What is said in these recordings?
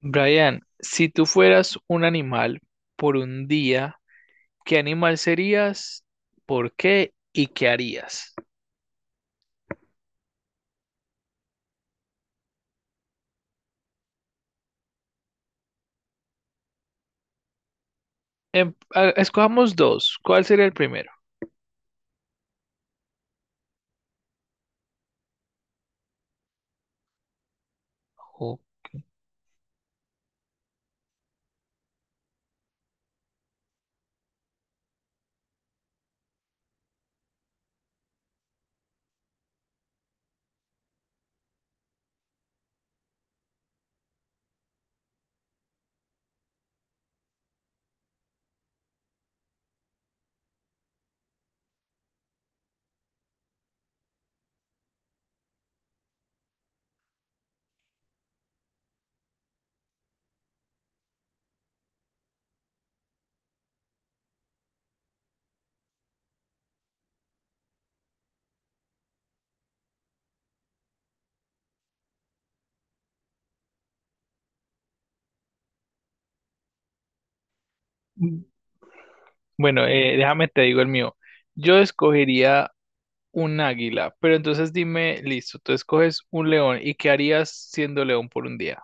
Brian, si tú fueras un animal por un día, ¿qué animal serías? ¿Por qué? ¿Y qué harías? Escojamos dos. ¿Cuál sería el primero? Jo- Mm. Bueno, déjame te digo el mío. Yo escogería Un águila. Pero entonces dime, listo, tú escoges un león. ¿Y qué harías siendo león por un día?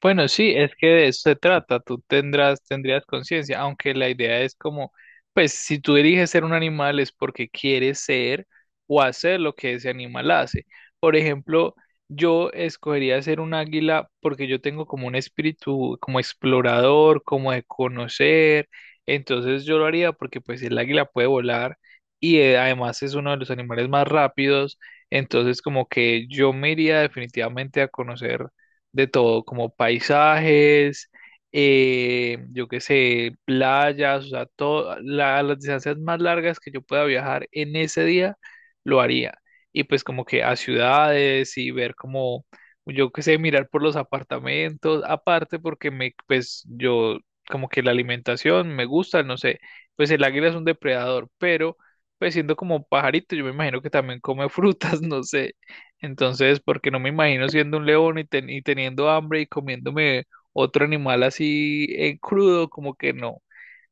Bueno, sí, es que de eso se trata, tendrías conciencia, aunque la idea es como, pues si tú eliges ser un animal es porque quieres ser o hacer lo que ese animal hace. Por ejemplo, yo escogería ser un águila porque yo tengo como un espíritu, como explorador, como de conocer, entonces yo lo haría porque pues el águila puede volar y además es uno de los animales más rápidos, entonces como que yo me iría definitivamente a conocer de todo, como paisajes, yo qué sé, playas, o sea, todo, las distancias más largas que yo pueda viajar en ese día, lo haría. Y pues como que a ciudades y ver como, yo qué sé, mirar por los apartamentos, aparte porque me, pues yo, como que la alimentación me gusta, no sé, pues el águila es un depredador, pero pues siendo como un pajarito, yo me imagino que también come frutas, no sé. Entonces, porque no me imagino siendo un león y, y teniendo hambre y comiéndome otro animal así en crudo, como que no,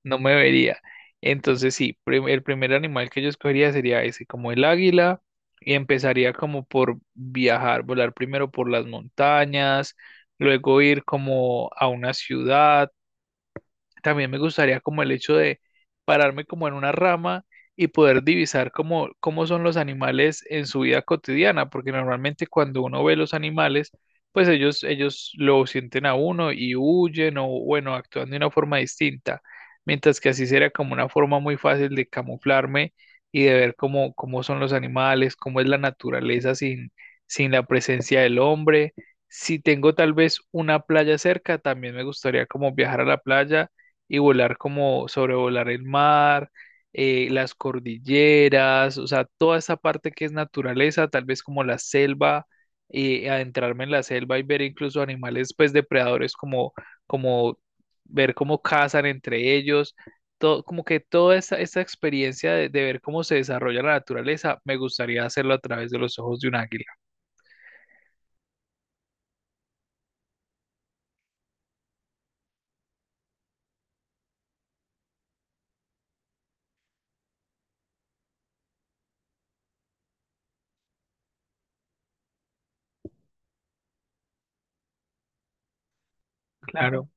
no me vería. Entonces, sí, el primer animal que yo escogería sería ese, como el águila, y empezaría como por viajar, volar primero por las montañas, luego ir como a una ciudad también me gustaría como el hecho de pararme como en una rama y poder divisar cómo, cómo son los animales en su vida cotidiana, porque normalmente cuando uno ve los animales, pues ellos lo sienten a uno y huyen o bueno, actúan de una forma distinta, mientras que así sería como una forma muy fácil de camuflarme y de ver cómo, cómo son los animales, cómo es la naturaleza sin, sin la presencia del hombre. Si tengo tal vez una playa cerca, también me gustaría como viajar a la playa y volar como sobrevolar el mar, las cordilleras, o sea, toda esa parte que es naturaleza, tal vez como la selva, y adentrarme en la selva y ver incluso animales pues depredadores como, como ver cómo cazan entre ellos todo, como que toda esa, esa experiencia de ver cómo se desarrolla la naturaleza, me gustaría hacerlo a través de los ojos de un águila. Claro,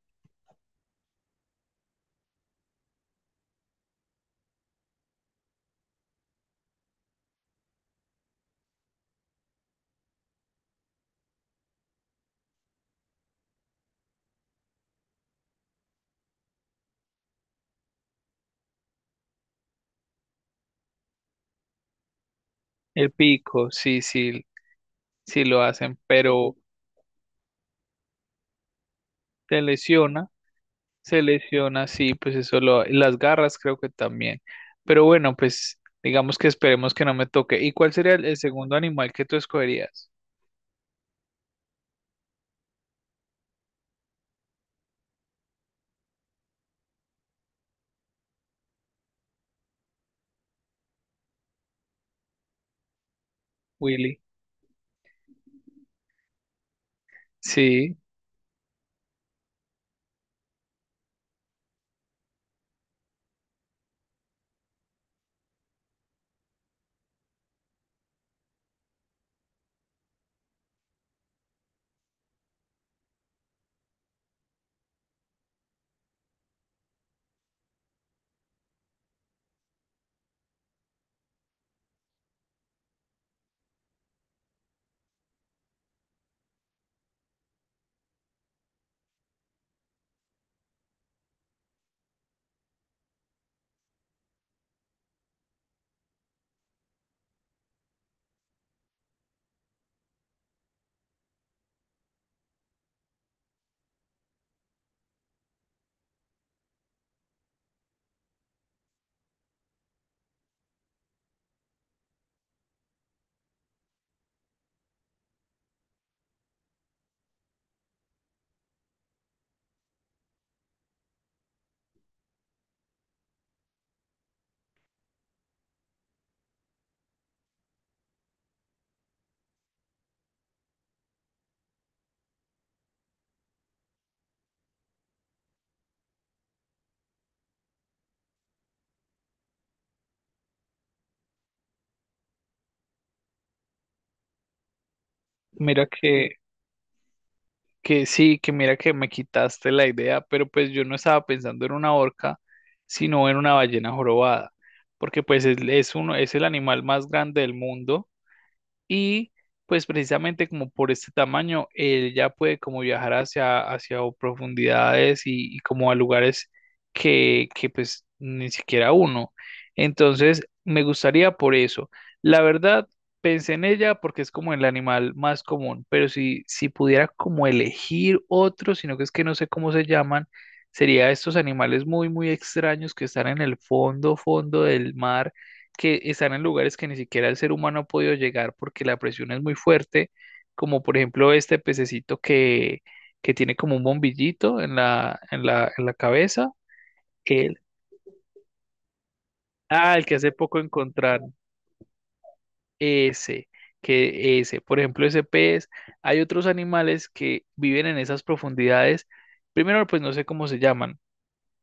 el pico, sí, sí, sí lo hacen, pero te lesiona. Se lesiona, sí, pues eso lo, las garras creo que también. Pero bueno, pues digamos que esperemos que no me toque. ¿Y cuál sería el segundo animal que tú escogerías, Willy? Sí, mira que, que sí, que mira que me quitaste la idea, pero pues yo no estaba pensando en una orca, sino en una ballena jorobada, porque pues es uno, es el animal más grande del mundo. Y pues precisamente como por este tamaño, él ya puede como viajar hacia, hacia profundidades y como a lugares que pues ni siquiera uno. Entonces, me gustaría por eso. La verdad, pensé en ella porque es como el animal más común, pero si, si pudiera como elegir otro, sino que es que no sé cómo se llaman, sería estos animales muy, muy extraños que están en el fondo, fondo del mar que están en lugares que ni siquiera el ser humano ha podido llegar porque la presión es muy fuerte, como por ejemplo este pececito que tiene como un bombillito en la, en la cabeza. El, ah, el que hace poco encontraron. Ese, que ese, por ejemplo, ese pez. Hay otros animales que viven en esas profundidades. Primero, pues no sé cómo se llaman.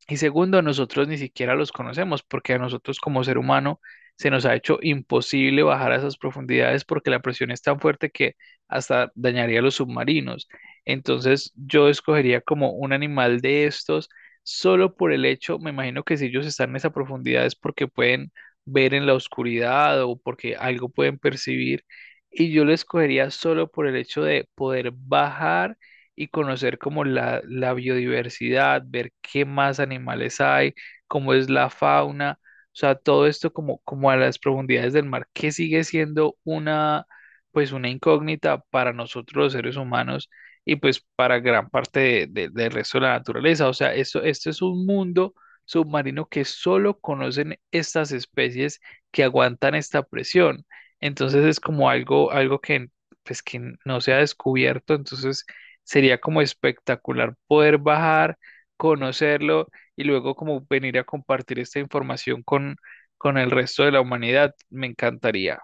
Y segundo, nosotros ni siquiera los conocemos porque a nosotros como ser humano se nos ha hecho imposible bajar a esas profundidades porque la presión es tan fuerte que hasta dañaría a los submarinos. Entonces yo escogería como un animal de estos solo por el hecho, me imagino que si ellos están en esa profundidad es porque pueden ver en la oscuridad o porque algo pueden percibir. Y yo lo escogería solo por el hecho de poder bajar y conocer como la biodiversidad, ver qué más animales hay, cómo es la fauna, o sea, todo esto como, como a las profundidades del mar, que sigue siendo una, pues una incógnita para nosotros los seres humanos y pues para gran parte del resto de la naturaleza. O sea, esto es un mundo submarino que solo conocen estas especies que aguantan esta presión. Entonces es como algo, algo que pues que no se ha descubierto, entonces sería como espectacular poder bajar, conocerlo y luego como venir a compartir esta información con el resto de la humanidad. Me encantaría.